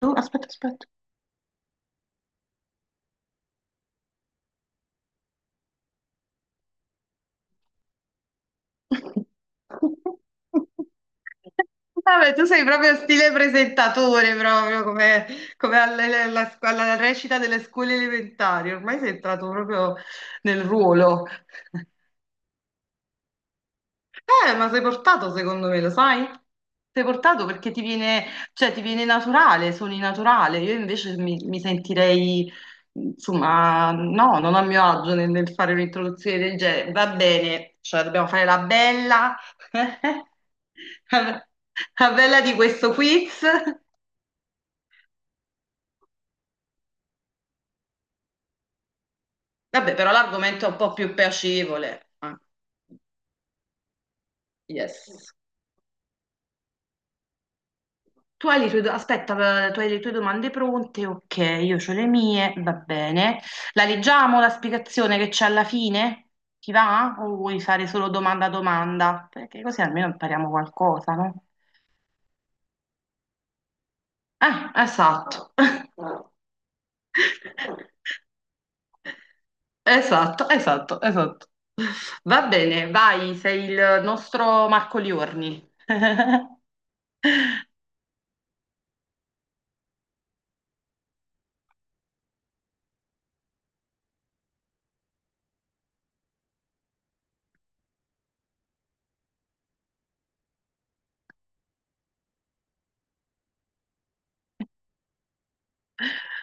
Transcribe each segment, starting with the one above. Tu, aspetta, aspetta. Vabbè, tu sei proprio stile presentatore, proprio come, come alla, alla recita delle scuole elementari. Ormai sei entrato proprio nel ruolo. Ma sei portato secondo me, lo sai? Sei portato perché ti viene, cioè, ti viene naturale, suoni naturale. Io invece mi sentirei, insomma, no, non a mio agio nel fare un'introduzione del genere. Va bene, cioè dobbiamo fare la bella, la la bella di questo quiz. Vabbè, però l'argomento è un po' più piacevole. Ah, yes. Tu hai le tue, aspetta, tu hai le tue domande pronte? Ok, io ho le mie, va bene. La leggiamo la spiegazione che c'è alla fine? Ti va? O vuoi fare solo domanda a domanda? Perché così almeno impariamo qualcosa, no? Ah, esatto. Esatto, esatto, esatto. Va bene, vai, sei il nostro Marco Liorni.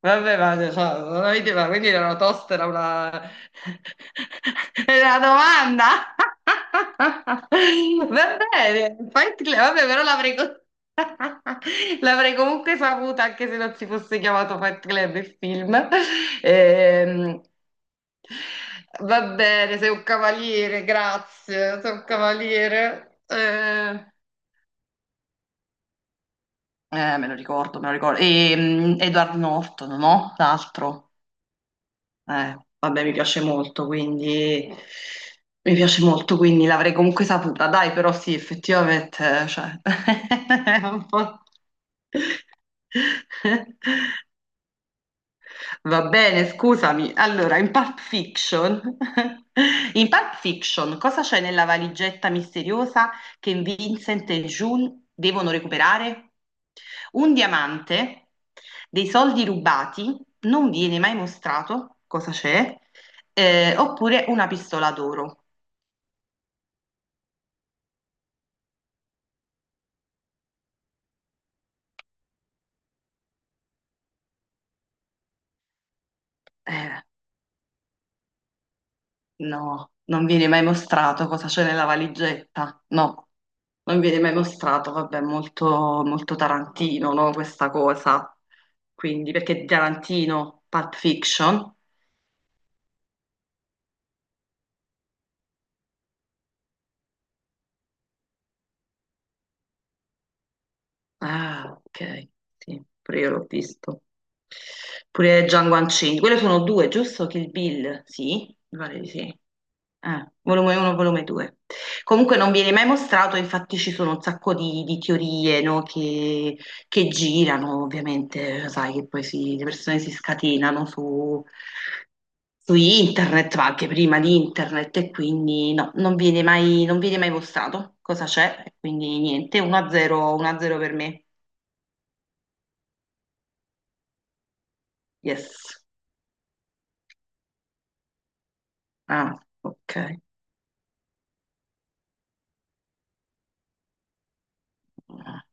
Vabbè, ma cioè, non avete- ma quindi era una tosta, era una... era una domanda? Va bene, vabbè, però l'avrei comunque saputa anche se non si fosse chiamato Fight Club il film. Ehm, Va bene, sei un cavaliere, grazie, sei un cavaliere. Me lo ricordo, me lo ricordo. E, Edward Norton, no? L'altro. Vabbè, mi piace molto, quindi mi piace molto, quindi l'avrei comunque saputa. Dai, però sì, effettivamente, cioè, è un po'. Va bene, scusami. Allora, in Pulp Fiction, in Pulp Fiction, cosa c'è nella valigetta misteriosa che Vincent e June devono recuperare? Un diamante, dei soldi rubati, non viene mai mostrato cosa c'è, oppure una pistola d'oro. Eh, No, non viene mai mostrato cosa c'è nella valigetta. No, non viene mai mostrato. Vabbè, molto Tarantino, no, questa cosa. Quindi, perché Tarantino, Pulp Fiction. Ah, ok, sì, pure io l'ho visto. Pure Django Guancini. Quelle sono due, giusto? Kill Bill, sì, mi pare di sì. Volume 1, volume 2. Comunque non viene mai mostrato, infatti ci sono un sacco di teorie, no, che girano, ovviamente, sai che poi le persone si scatenano su, su internet, ma anche prima di internet, e quindi no, non viene mai mostrato cosa c'è, e quindi niente, 1-0, 1-0 per me. Yes. Ah, ok. Ah.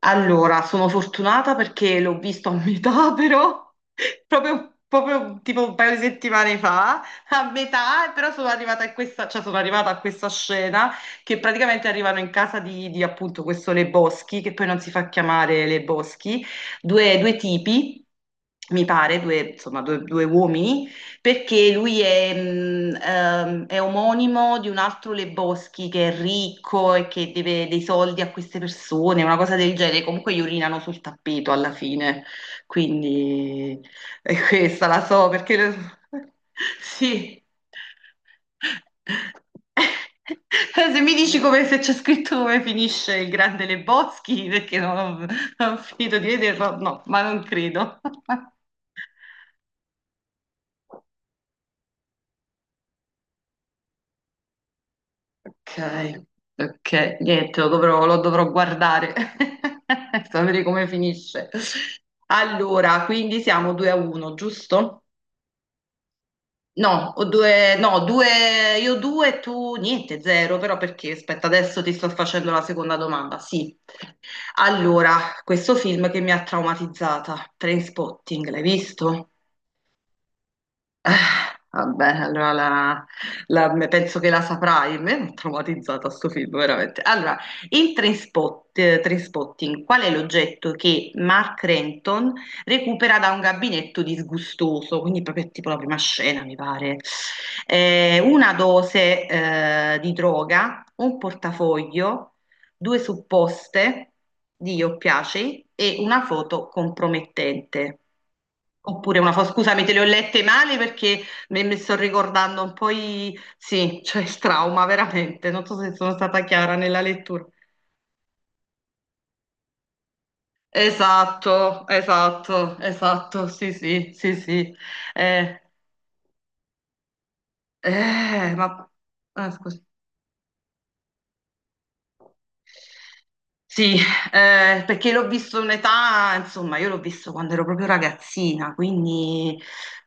Allora, sono fortunata perché l'ho visto a metà, però, proprio, proprio tipo un paio di settimane fa, a metà, però sono arrivata a questa, cioè sono arrivata a questa scena che praticamente arrivano in casa di appunto questo Le Boschi, che poi non si fa chiamare Le Boschi, due tipi, mi pare, due, insomma, due uomini perché lui è omonimo di un altro Le Boschi che è ricco e che deve dei soldi a queste persone, una cosa del genere. Comunque gli urinano sul tappeto alla fine, quindi è questa la so perché sì. Se mi dici come se c'è scritto come finisce il grande Le Boschi, perché no, non ho finito di vederlo, no, ma non credo. Ok, ok, niente, lo dovrò guardare, sapere come finisce. Allora, quindi siamo 2 a 1, giusto? No, due, io due, tu niente, zero, però perché? Aspetta, adesso ti sto facendo la seconda domanda. Sì, allora, questo film che mi ha traumatizzata, Trainspotting, l'hai visto? Eh, Vabbè, penso che la saprai. A me mi ha traumatizzata sto film, veramente. Allora, Trainspotting, qual è l'oggetto che Mark Renton recupera da un gabinetto disgustoso? Quindi proprio tipo la prima scena, mi pare. Una dose, di droga, un portafoglio, due supposte di io piaci e una foto compromettente. Oppure una foto, scusami, te le ho lette male perché mi sto ricordando un po' i... Sì, cioè il trauma, veramente. Non so se sono stata chiara nella lettura. Esatto, esatto, esatto, sì, sì, sì, sì. Eh, eh, ma... ah, scusa. Sì, perché l'ho visto un'età, insomma, io l'ho visto quando ero proprio ragazzina, quindi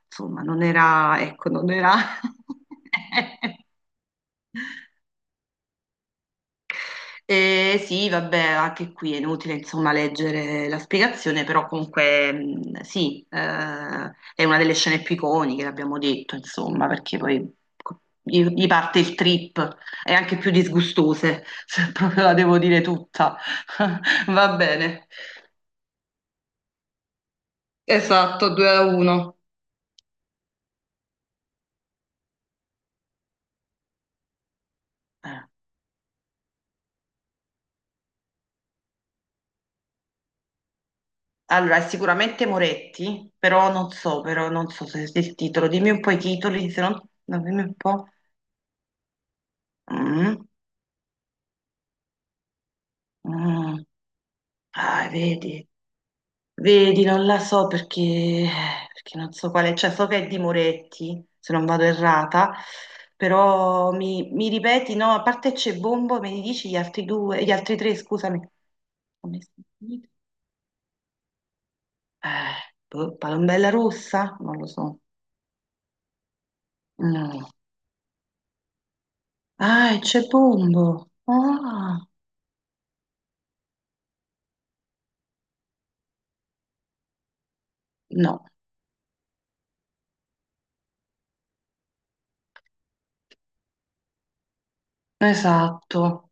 insomma non era, ecco, non era... sì, vabbè, anche qui è inutile insomma leggere la spiegazione, però comunque sì, è una delle scene più iconiche, l'abbiamo detto, insomma, perché poi gli parte il trip, è anche più disgustose, se proprio la devo dire tutta. Va bene, esatto, 2 a 1. Eh. Allora, è sicuramente Moretti, però non so se il titolo. Dimmi un po' i titoli, se no, no, dimmi un po'. Mm, mm. Ah, vedi, vedi, non la so perché, perché non so quale, cioè so che è di Moretti, se non vado errata, però mi ripeti, no, a parte c'è Bombo, me ne dici gli altri due, gli altri tre, scusami. Come si- boh, Palombella Rossa? Non lo so. Mm. Ah, è Cepombo. Ah, no, esatto.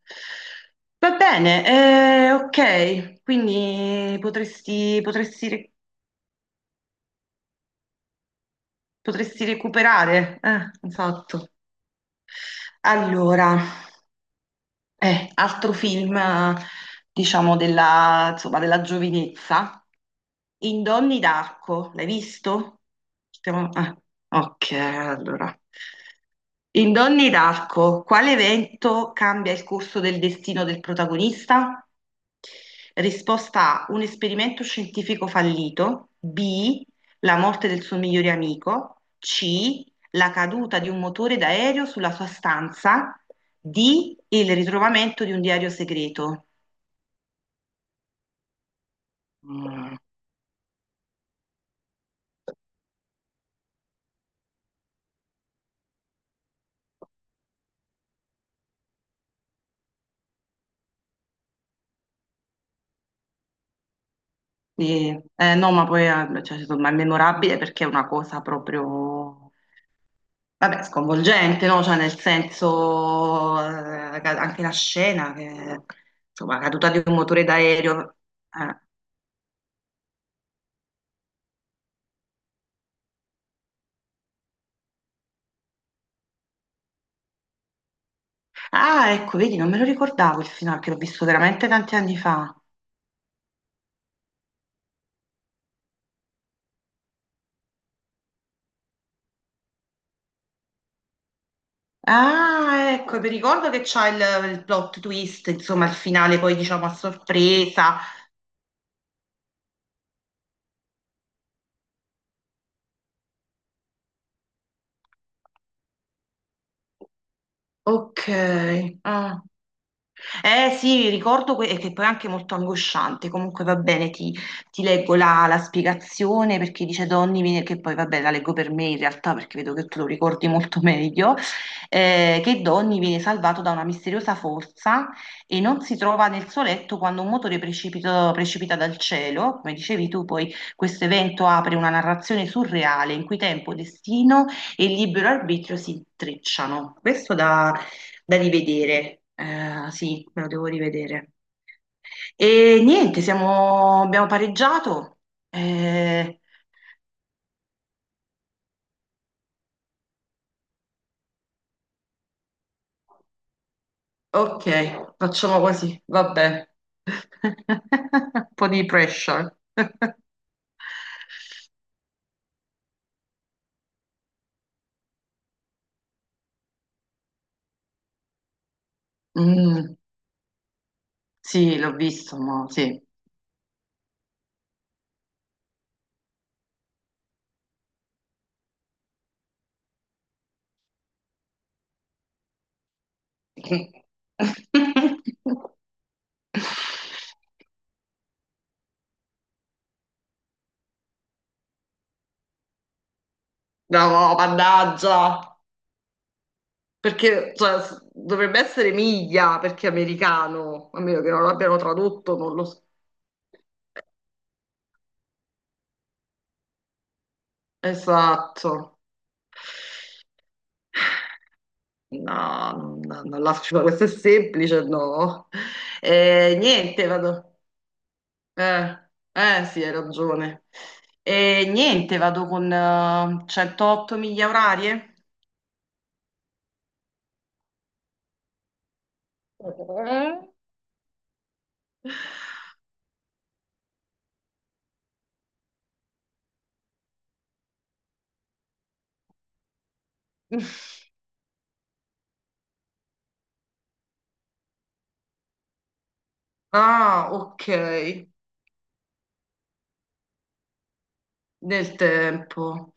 Va bene, ok, quindi potresti recuperare. Esatto. Allora, altro film, diciamo, della, insomma, della giovinezza. In Donni d'Arco, l'hai visto? Ah, ok, allora. In Donni d'Arco, quale evento cambia il corso del destino del protagonista? Risposta A, un esperimento scientifico fallito, B, la morte del suo migliore amico, C, la caduta di un motore d'aereo sulla sua stanza, D, il ritrovamento di un diario segreto. Mm. Sì, no, ma poi cioè, insomma, è memorabile perché è una cosa proprio, vabbè, sconvolgente, no? Cioè, nel senso, anche la scena, che, insomma, la caduta di un motore d'aereo. Eh. Ah, ecco, vedi, non me lo ricordavo il finale, che l'ho visto veramente tanti anni fa. Ah, ecco, mi ricordo che c'ha il plot twist, insomma, il finale poi, diciamo, a sorpresa. Ok, ah. Eh sì, ricordo che poi è anche molto angosciante, comunque va bene, ti leggo la spiegazione perché dice Donny, che poi vabbè la leggo per me in realtà perché vedo che tu lo ricordi molto meglio, che Donny viene salvato da una misteriosa forza e non si trova nel suo letto quando un motore precipita dal cielo, come dicevi tu, poi questo evento apre una narrazione surreale in cui tempo, destino e libero arbitrio si intrecciano. Questo da rivedere. Sì, me lo devo rivedere. E niente, abbiamo pareggiato. Eh, ok, facciamo così, vabbè. Un po' di pressure. Mm, sì, l'ho visto, ma sì. No, no, mannaggia. Perché cioè, dovrebbe essere miglia perché è americano, a meno che non l'abbiano tradotto, non lo so. Esatto. No, no, non la faccio, questo è semplice, no. Niente, vado. Sì, hai ragione. Niente, vado con 108 miglia orarie. Eh? Ah, ok, del tempo.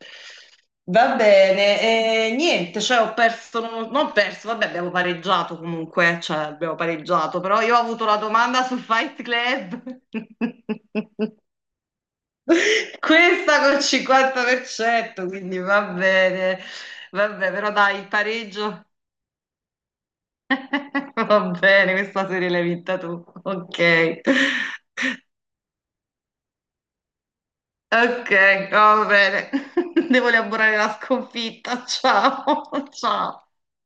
Va bene, niente, cioè ho perso, non ho perso, vabbè abbiamo pareggiato comunque, cioè abbiamo pareggiato, però io ho avuto la domanda sul Fight Club. Questa col 50%, quindi va bene, vabbè, però dai, il pareggio. Va bene, questa serie l'hai vinta tu. Ok, ok, va bene. Devo elaborare la sconfitta. Ciao, ciao.